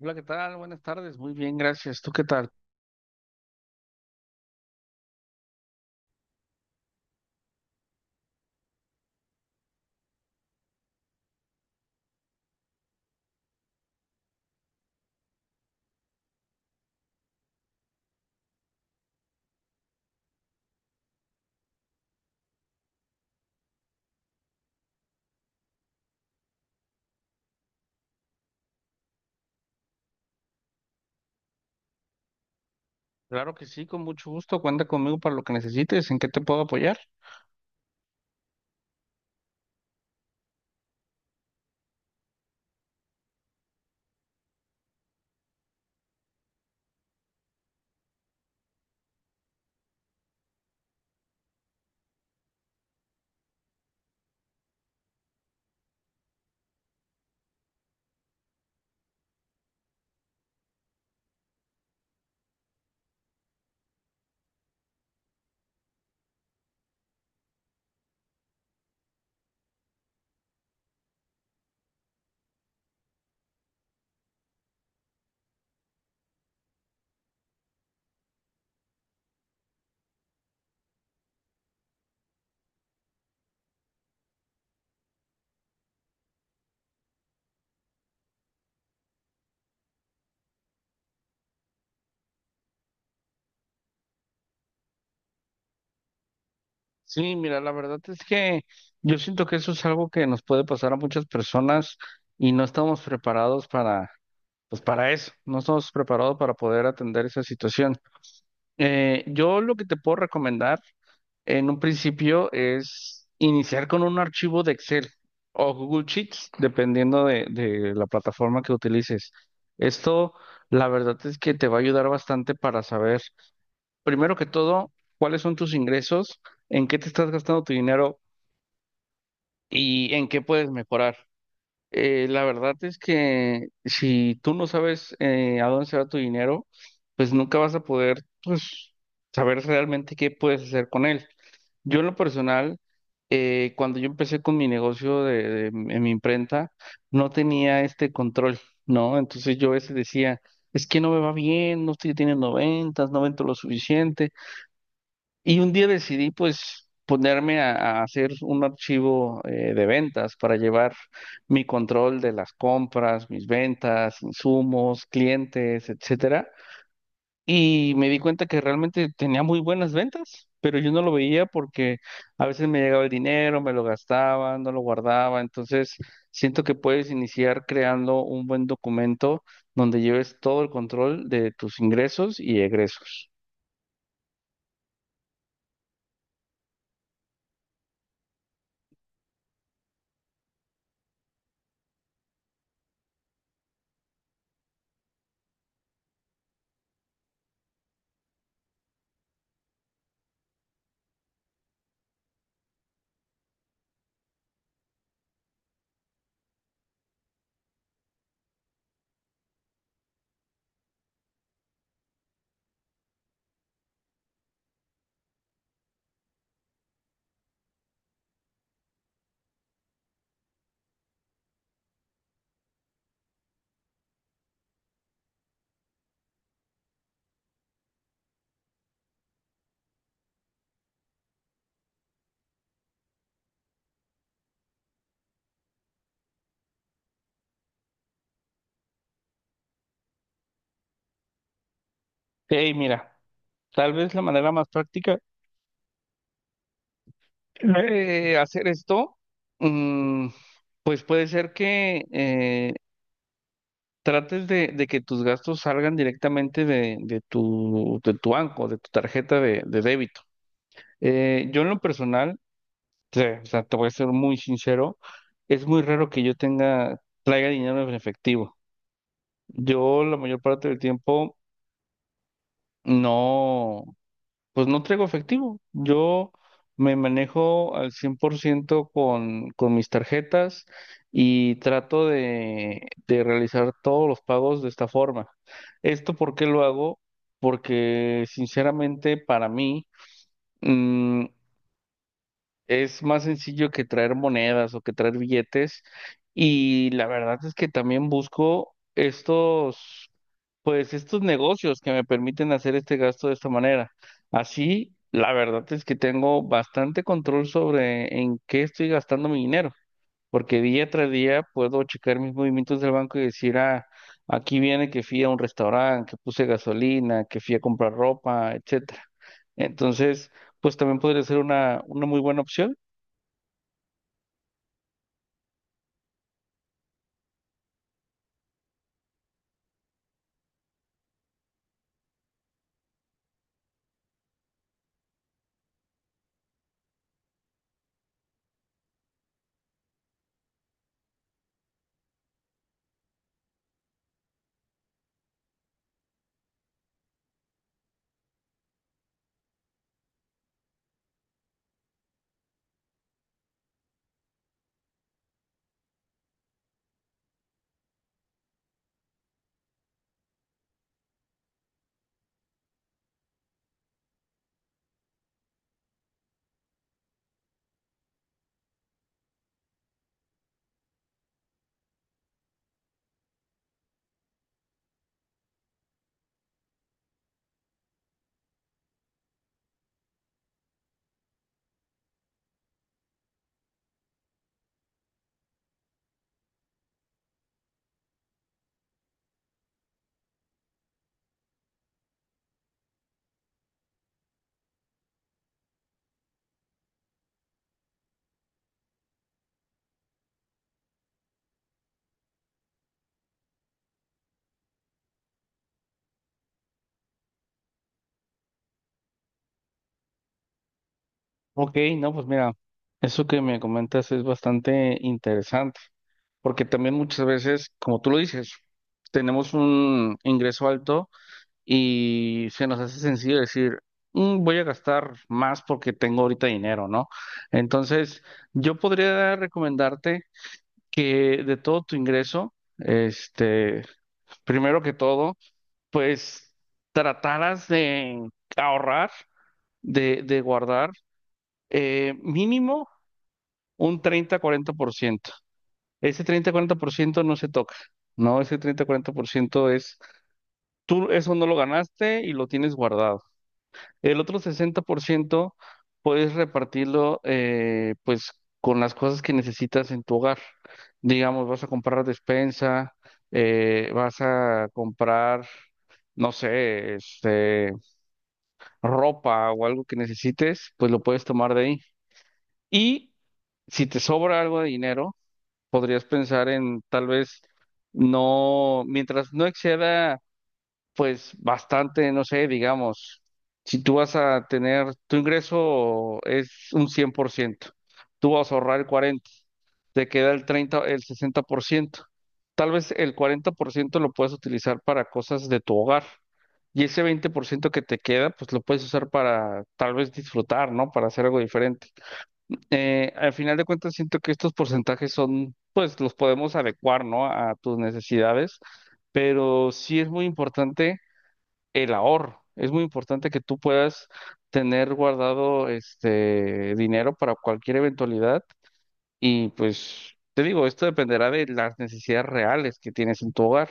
Hola, ¿qué tal? Buenas tardes. Muy bien, gracias. ¿Tú qué tal? Claro que sí, con mucho gusto. Cuenta conmigo para lo que necesites. ¿En qué te puedo apoyar? Sí, mira, la verdad es que yo siento que eso es algo que nos puede pasar a muchas personas y no estamos preparados para, pues para eso. No estamos preparados para poder atender esa situación. Yo lo que te puedo recomendar en un principio es iniciar con un archivo de Excel o Google Sheets, dependiendo de la plataforma que utilices. Esto, la verdad es que te va a ayudar bastante para saber, primero que todo, cuáles son tus ingresos, en qué te estás gastando tu dinero y en qué puedes mejorar. La verdad es que si tú no sabes a dónde se va tu dinero, pues nunca vas a poder, pues, saber realmente qué puedes hacer con él. Yo en lo personal, cuando yo empecé con mi negocio en mi imprenta, no tenía este control, ¿no? Entonces yo a veces decía, es que no me va bien, no estoy teniendo ventas, no vendo lo suficiente. Y un día decidí pues ponerme a hacer un archivo de ventas para llevar mi control de las compras, mis ventas, insumos, clientes, etcétera. Y me di cuenta que realmente tenía muy buenas ventas, pero yo no lo veía porque a veces me llegaba el dinero, me lo gastaba, no lo guardaba. Entonces siento que puedes iniciar creando un buen documento donde lleves todo el control de tus ingresos y egresos. Hey, mira. Tal vez la manera más práctica hacer esto, mm, pues puede ser que trates de que tus gastos salgan directamente de tu, de tu banco, de tu tarjeta de débito. Yo en lo personal, te, o sea, te voy a ser muy sincero, es muy raro que yo tenga, traiga dinero en efectivo. Yo la mayor parte del tiempo no. Pues no traigo efectivo. Yo me manejo al 100% con mis tarjetas y trato de realizar todos los pagos de esta forma. ¿Esto por qué lo hago? Porque sinceramente para mí mm, es más sencillo que traer monedas o que traer billetes y la verdad es que también busco estos... Pues estos negocios que me permiten hacer este gasto de esta manera. Así, la verdad es que tengo bastante control sobre en qué estoy gastando mi dinero, porque día tras día puedo checar mis movimientos del banco y decir, ah, aquí viene que fui a un restaurante, que puse gasolina, que fui a comprar ropa, etcétera. Entonces, pues también podría ser una muy buena opción. Ok, no, pues mira, eso que me comentas es bastante interesante, porque también muchas veces, como tú lo dices, tenemos un ingreso alto y se nos hace sencillo decir, "Mm, voy a gastar más porque tengo ahorita dinero, ¿no?" Entonces, yo podría recomendarte que de todo tu ingreso, este, primero que todo, pues trataras de ahorrar, de guardar. Mínimo un 30-40%. Ese 30-40% no se toca. No, ese 30-40% es, tú eso no lo ganaste y lo tienes guardado. El otro 60% puedes repartirlo pues con las cosas que necesitas en tu hogar. Digamos, vas a comprar despensa, vas a comprar, no sé, este, ropa o algo que necesites, pues lo puedes tomar de ahí. Y si te sobra algo de dinero, podrías pensar en tal vez no, mientras no exceda, pues bastante, no sé, digamos, si tú vas a tener, tu ingreso es un 100%, tú vas a ahorrar el 40%, te queda el 30 el 60%. Tal vez el 40% lo puedes utilizar para cosas de tu hogar. Y ese 20% que te queda, pues lo puedes usar para tal vez disfrutar, ¿no? Para hacer algo diferente. Al final de cuentas siento que estos porcentajes son, pues los podemos adecuar, ¿no? A tus necesidades, pero sí es muy importante el ahorro. Es muy importante que tú puedas tener guardado este dinero para cualquier eventualidad y pues te digo, esto dependerá de las necesidades reales que tienes en tu hogar.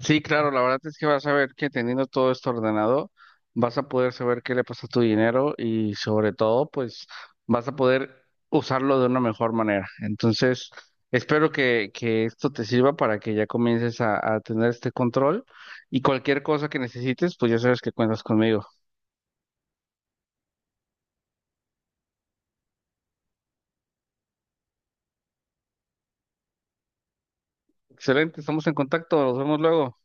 Sí, claro, la verdad es que vas a ver que teniendo todo esto ordenado, vas a poder saber qué le pasa a tu dinero y sobre todo, pues vas a poder usarlo de una mejor manera. Entonces, espero que esto te sirva para que ya comiences a tener este control y cualquier cosa que necesites, pues ya sabes que cuentas conmigo. Excelente, estamos en contacto, nos vemos luego.